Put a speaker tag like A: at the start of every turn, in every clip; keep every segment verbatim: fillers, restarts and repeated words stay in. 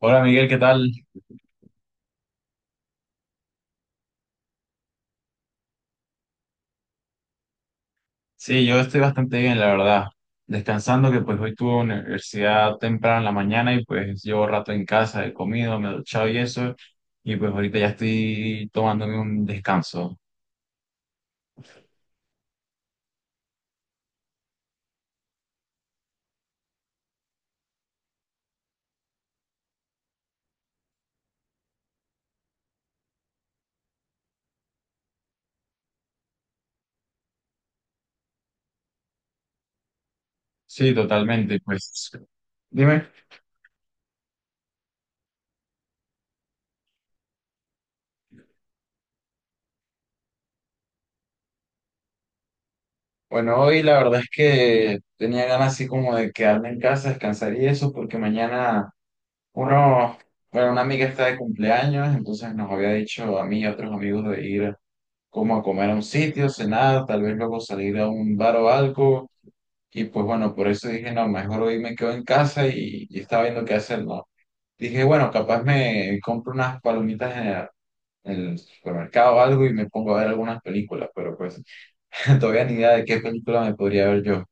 A: Hola Miguel, ¿qué tal? Sí, yo estoy bastante bien, la verdad. Descansando que pues hoy tuve universidad temprano en la mañana y pues llevo rato en casa, he comido, me he duchado y eso, y pues ahorita ya estoy tomándome un descanso. Sí, totalmente, pues dime. Bueno, hoy la verdad es que tenía ganas así como de quedarme en casa, descansar y eso, porque mañana uno, bueno, una amiga está de cumpleaños, entonces nos había dicho a mí y a otros amigos de ir, como a comer a un sitio, cenar, tal vez luego salir a un bar o algo. Y pues bueno, por eso dije, no, mejor hoy me quedo en casa y, y estaba viendo qué hacer, ¿no? Dije, bueno, capaz me compro unas palomitas en el, en el supermercado o algo y me pongo a ver algunas películas, pero pues todavía ni idea de qué película me podría ver yo.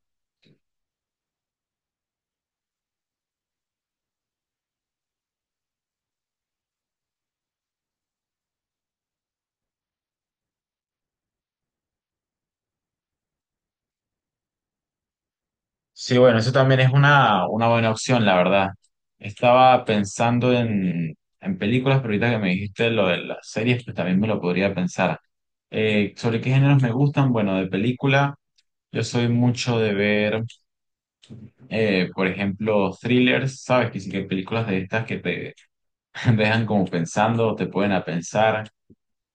A: Sí, bueno, eso también es una, una buena opción, la verdad. Estaba pensando en, en películas, pero ahorita que me dijiste lo de las series, pues también me lo podría pensar. Eh, ¿sobre qué géneros me gustan? Bueno, de película, yo soy mucho de ver, eh, por ejemplo, thrillers, ¿sabes? Que sí que hay películas de estas que te dejan como pensando, te pueden a pensar.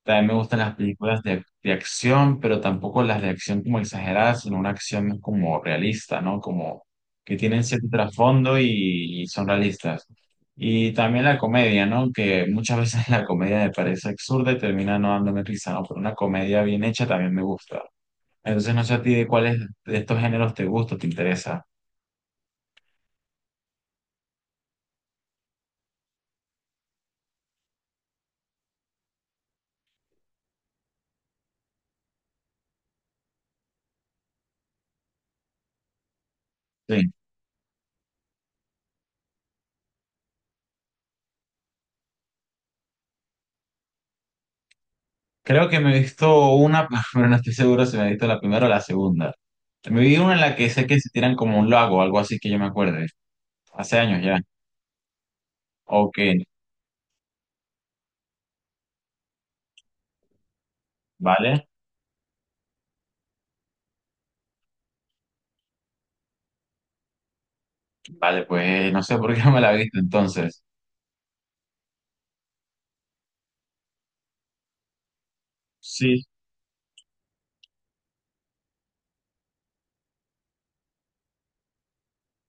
A: También me gustan las películas de, de acción, pero tampoco las de acción como exageradas, sino una acción como realista, ¿no? Como que tienen cierto trasfondo y, y son realistas. Y también la comedia, ¿no? Que muchas veces la comedia me parece absurda y termina no dándome risa, ¿no? Pero una comedia bien hecha también me gusta. Entonces no sé a ti de cuáles de estos géneros te gusta, o te interesa. Sí. Creo que me he visto una, pero no estoy seguro si me he visto la primera o la segunda. Me vi una en la que sé que se tiran como un lago, algo así que yo me acuerdo. Hace años ya. Ok, vale. Vale, pues no sé por qué no me la he visto entonces. Sí.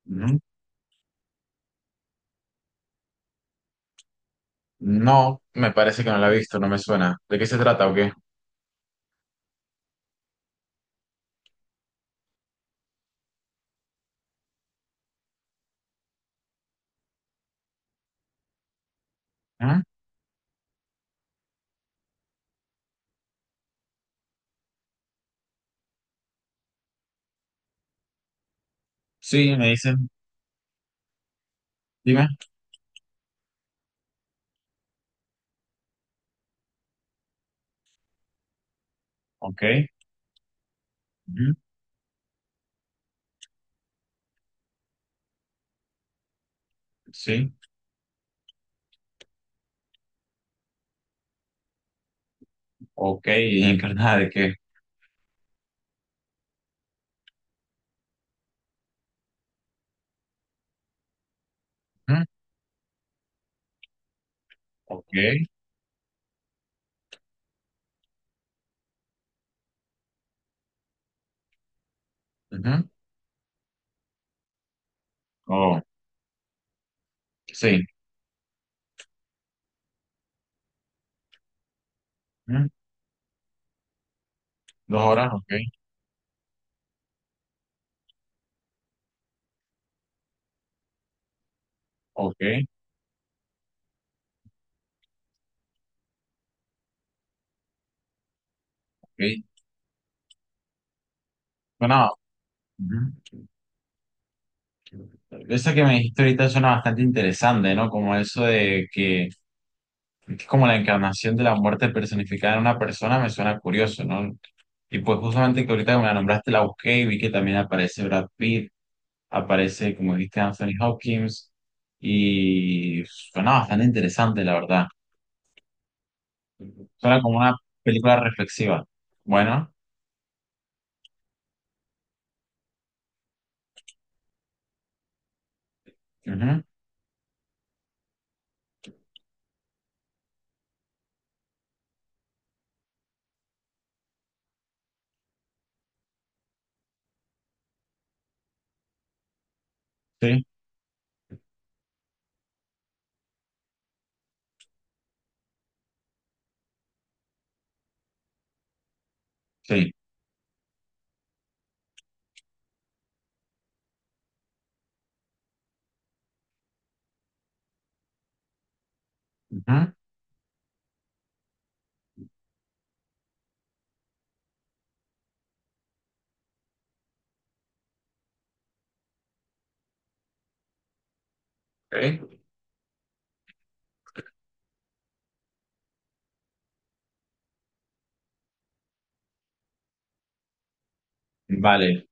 A: Ujú. No, me parece que no la he visto, no me suena. ¿De qué se trata o qué? ¿Ah? Sí, me dicen. Dime. Ok. Ujú. Sí. Ok, ¿y encarnada de qué? Ujú. Ok. Ujú. Oh, sí. Ujú. Dos horas, ok. Ok, ok. Bueno, ujú. Esa que me dijiste ahorita suena bastante interesante, ¿no? Como eso de que es como la encarnación de la muerte personificada en una persona, me suena curioso, ¿no? Y pues justamente que ahorita que me la nombraste la busqué y vi que también aparece Brad Pitt, aparece, como dijiste, Anthony Hopkins, y suena bastante interesante, la verdad. Suena como una película reflexiva. Bueno, ujú, sí, sí. Ujú, ok. Vale,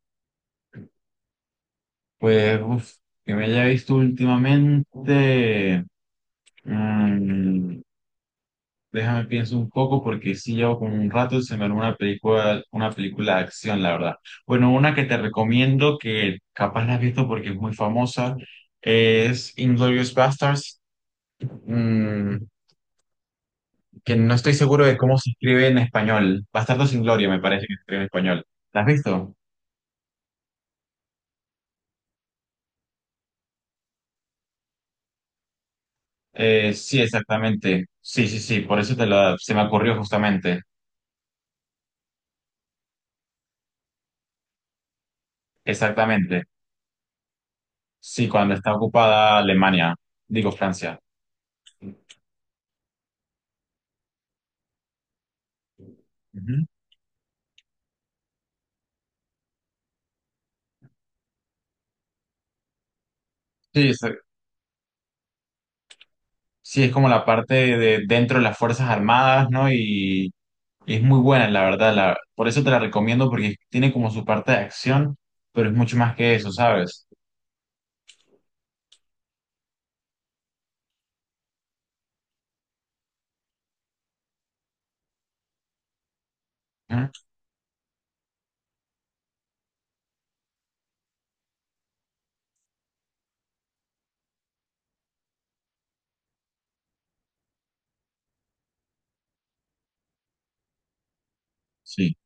A: pues, uf, que me haya visto últimamente. mm, Déjame pienso un poco porque sí llevo como un rato se me armó una película, una película de acción, la verdad. Bueno, una que te recomiendo que capaz la has visto porque es muy famosa es Inglourious Basterds, mm, que no estoy seguro de cómo se escribe en español. Bastardos sin Gloria me parece que se escribe en español. ¿La has visto? Eh, sí, exactamente. Sí, sí, sí, por eso te lo, se me ocurrió justamente. Exactamente. Sí, cuando está ocupada Alemania, digo Francia. Ujú. Sí, sí, es como la parte de dentro de las Fuerzas Armadas, ¿no? Y, y es muy buena, la verdad, la- por eso te la recomiendo, porque tiene como su parte de acción, pero es mucho más que eso, ¿sabes? Ujú. Sí.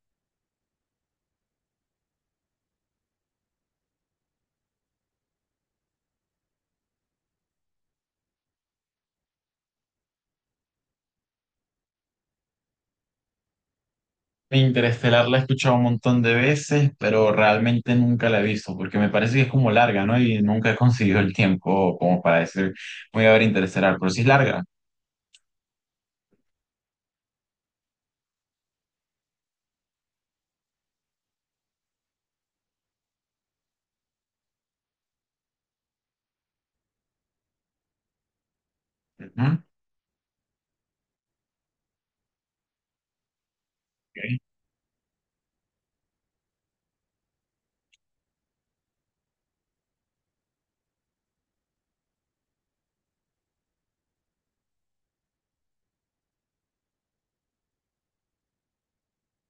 A: Interestelar la he escuchado un montón de veces, pero realmente nunca la he visto, porque me parece que es como larga, ¿no? Y nunca he conseguido el tiempo como para decir, voy a ver Interestelar, pero sí es larga. Ujú, ok,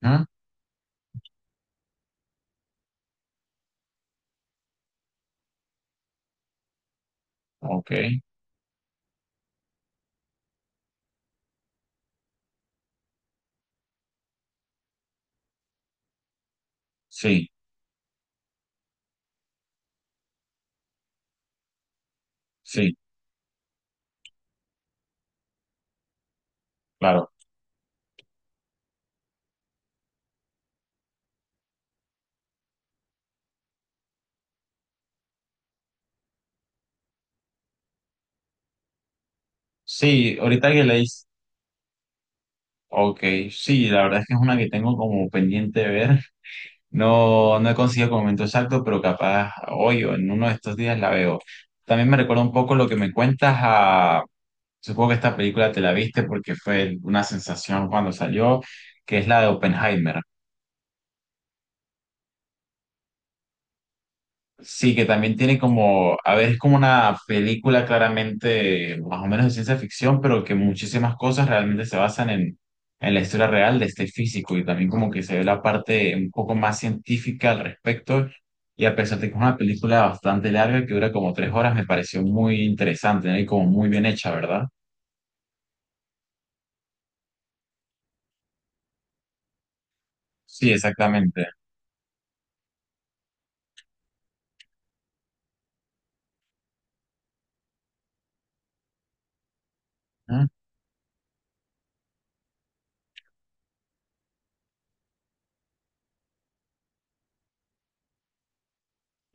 A: ujú, ok. Sí, sí, claro. Sí, ahorita que leí ok, sí, la verdad es que es una que tengo como pendiente de ver. No, no he conseguido el momento exacto, pero capaz hoy o en uno de estos días la veo. También me recuerda un poco lo que me cuentas a... Supongo que esta película te la viste porque fue una sensación cuando salió, que es la de Oppenheimer. Sí, que también tiene como, a ver, es como una película claramente más o menos de ciencia ficción, pero que muchísimas cosas realmente se basan en, en la historia real de este físico y también como que se ve la parte un poco más científica al respecto. Y a pesar de que es una película bastante larga, que dura como tres horas, me pareció muy interesante, ¿no? Y como muy bien hecha, ¿verdad? Sí, exactamente. Ujú,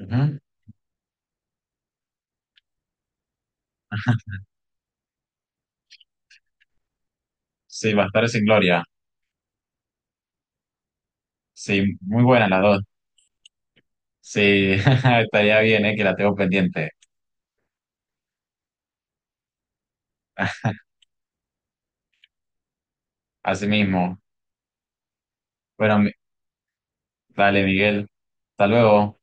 A: ujú. Sí, Bastardos sin Gloria. Sí, muy buenas las dos. Sí, estaría bien, ¿eh? Que la tengo pendiente. Así mismo. Bueno, mi- dale, Miguel. Hasta luego.